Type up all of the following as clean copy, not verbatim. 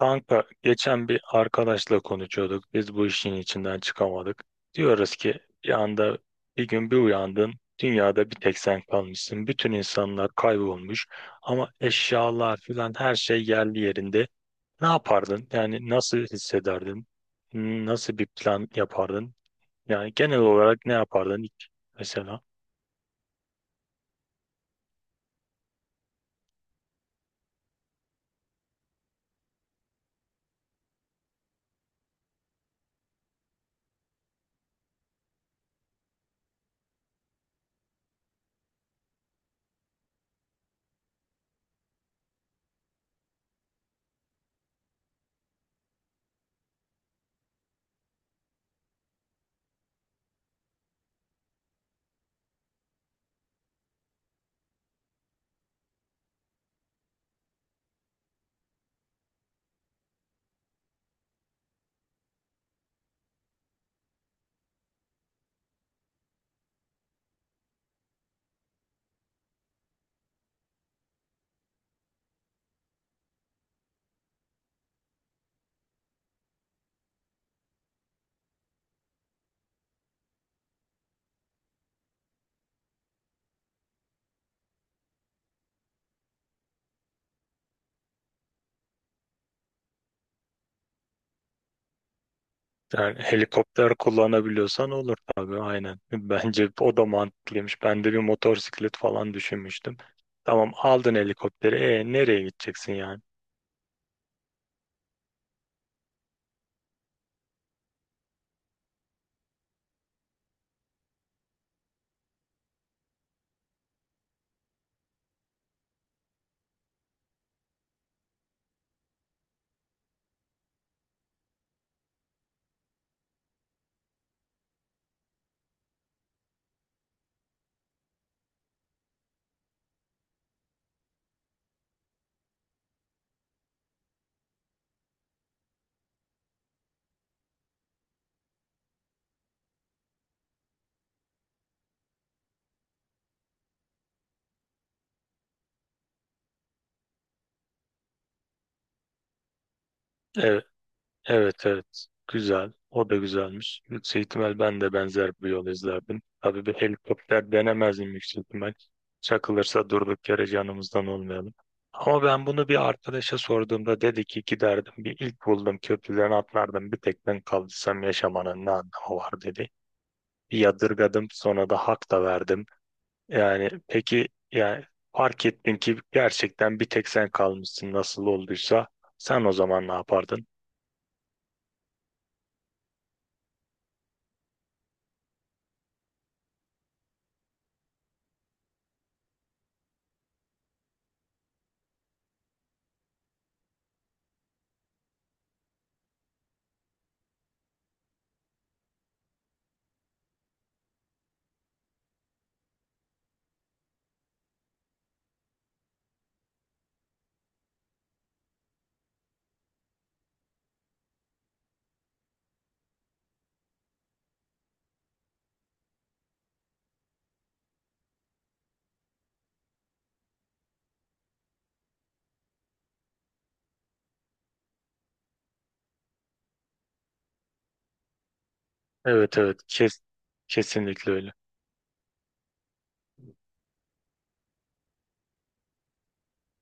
Kanka geçen bir arkadaşla konuşuyorduk. Biz bu işin içinden çıkamadık. Diyoruz ki bir anda bir gün bir uyandın. Dünyada bir tek sen kalmışsın. Bütün insanlar kaybolmuş. Ama eşyalar filan her şey yerli yerinde. Ne yapardın? Yani nasıl hissederdin? Nasıl bir plan yapardın? Yani genel olarak ne yapardın ilk mesela? Yani helikopter kullanabiliyorsan olur tabii aynen. Bence o da mantıklıymış. Ben de bir motosiklet falan düşünmüştüm. Tamam aldın helikopteri. E nereye gideceksin yani? Evet evet evet. Güzel. O da güzelmiş. Yüksek ihtimal ben de benzer bir yol izlerdim. Tabii bir helikopter denemezdim yüksek ihtimal. Çakılırsa durduk yere canımızdan olmayalım. Ama ben bunu bir arkadaşa sorduğumda dedi ki giderdim bir ilk buldum köprüden atlardım bir tek ben kalırsam yaşamanın ne anlamı var dedi. Bir yadırgadım sonra da hak da verdim. Yani peki yani fark ettin ki gerçekten bir tek sen kalmışsın nasıl olduysa sen o zaman ne yapardın? Evet evet, kesinlikle öyle.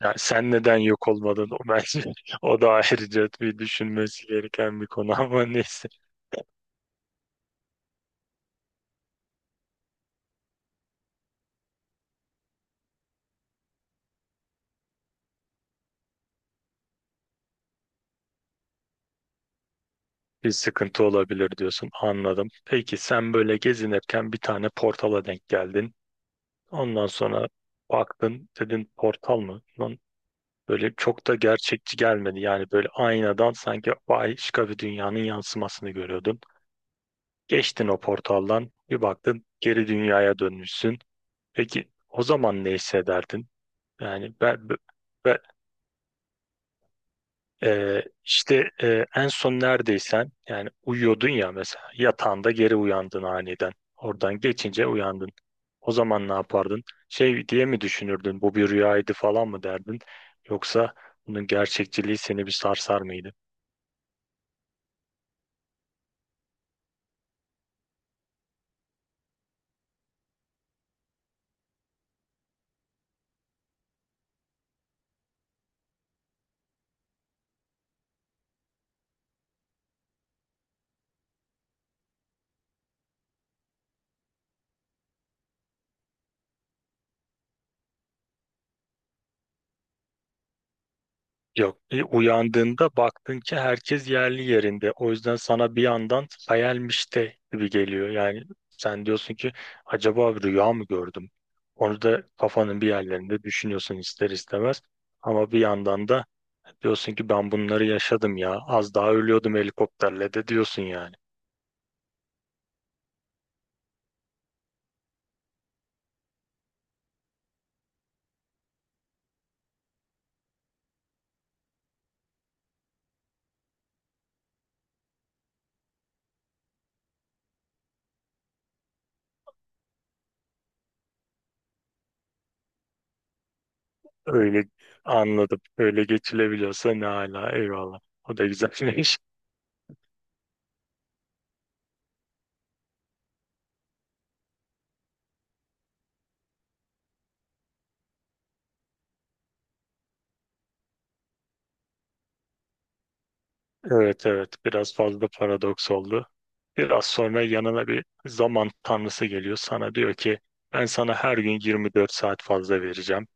Yani sen neden yok olmadın o bence o da ayrıca bir düşünmesi gereken bir konu ama neyse bir sıkıntı olabilir diyorsun, anladım. Peki sen böyle gezinirken bir tane portala denk geldin. Ondan sonra baktın dedin portal mı? Lan böyle çok da gerçekçi gelmedi. Yani böyle aynadan sanki başka bir dünyanın yansımasını görüyordun. Geçtin o portaldan bir baktın geri dünyaya dönmüşsün. Peki o zaman ne hissederdin? Yani ben- işte en son neredeysen yani uyuyordun ya mesela yatağında geri uyandın aniden. Oradan geçince uyandın. O zaman ne yapardın? Şey diye mi düşünürdün? Bu bir rüyaydı falan mı derdin? Yoksa bunun gerçekçiliği seni bir sarsar mıydı? Yok, uyandığında baktın ki herkes yerli yerinde. O yüzden sana bir yandan hayalmiş de gibi geliyor. Yani sen diyorsun ki acaba bir rüya mı gördüm? Onu da kafanın bir yerlerinde düşünüyorsun ister istemez. Ama bir yandan da diyorsun ki ben bunları yaşadım ya. Az daha ölüyordum helikopterle de diyorsun yani. Öyle anladım. Öyle geçilebiliyorsa ne hala. Eyvallah. O da güzelmiş. Evet evet. Biraz fazla paradoks oldu. Biraz sonra yanına bir zaman tanrısı geliyor. Sana diyor ki ben sana her gün 24 saat fazla vereceğim.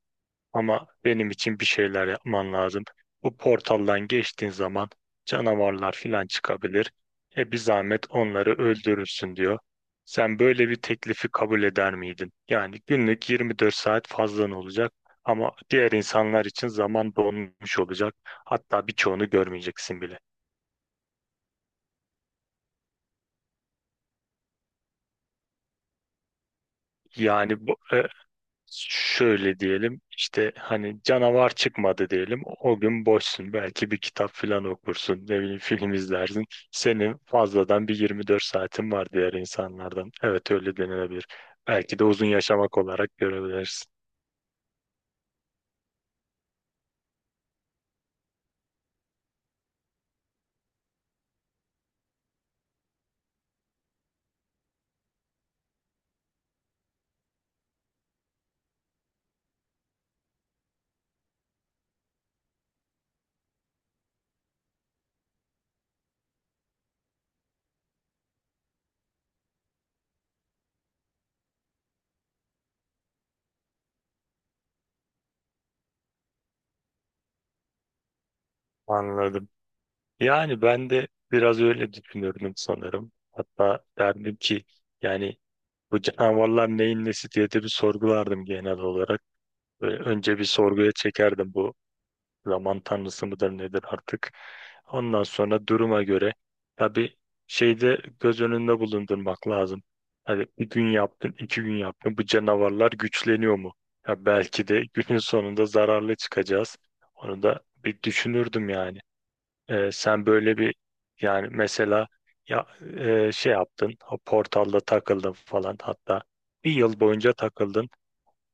Ama benim için bir şeyler yapman lazım. Bu portaldan geçtiğin zaman canavarlar filan çıkabilir. E bir zahmet onları öldürürsün diyor. Sen böyle bir teklifi kabul eder miydin? Yani günlük 24 saat fazlan olacak ama diğer insanlar için zaman donmuş olacak. Hatta birçoğunu görmeyeceksin bile. Yani bu, şöyle diyelim işte, hani canavar çıkmadı diyelim, o gün boşsun, belki bir kitap falan okursun, ne bileyim film izlersin. Senin fazladan bir 24 saatin var diğer insanlardan, evet öyle denilebilir. Belki de uzun yaşamak olarak görebilirsin. Anladım, yani ben de biraz öyle düşünürdüm sanırım, hatta derdim ki yani bu canavarlar neyin nesi diye de bir sorgulardım genel olarak. Böyle önce bir sorguya çekerdim, bu zaman tanrısı mıdır nedir artık. Ondan sonra duruma göre tabii şeyde göz önünde bulundurmak lazım. Hani bir gün yaptın, iki gün yaptın. Bu canavarlar güçleniyor mu? Ya belki de günün sonunda zararlı çıkacağız. Onu da bir düşünürdüm yani. Sen böyle bir yani mesela ya şey yaptın, o portalda takıldın falan, hatta bir yıl boyunca takıldın.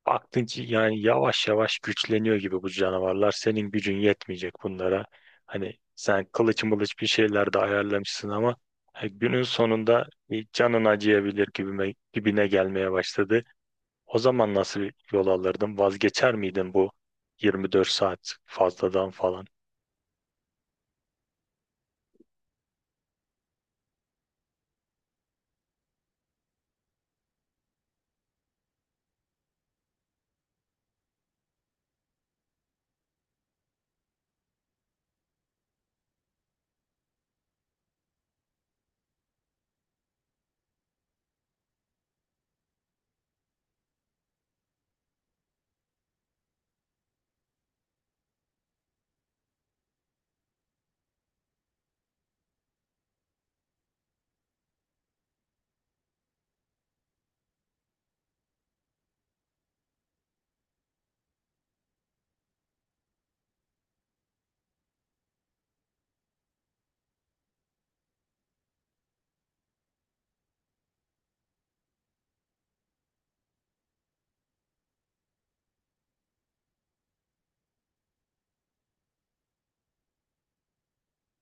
Baktın ki yani yavaş yavaş güçleniyor gibi bu canavarlar. Senin gücün yetmeyecek bunlara. Hani sen kılıç mılıç bir şeyler de ayarlamışsın ama günün sonunda bir canın acıyabilir gibine gelmeye başladı. O zaman nasıl bir yol alırdın? Vazgeçer miydin bu 24 saat fazladan falan?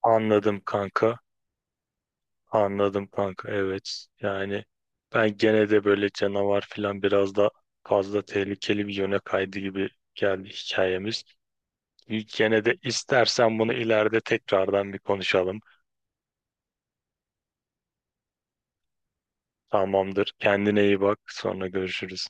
Anladım kanka. Anladım kanka evet. Yani ben gene de böyle canavar falan biraz da fazla tehlikeli bir yöne kaydı gibi geldi hikayemiz. Gene de istersen bunu ileride tekrardan bir konuşalım. Tamamdır. Kendine iyi bak. Sonra görüşürüz.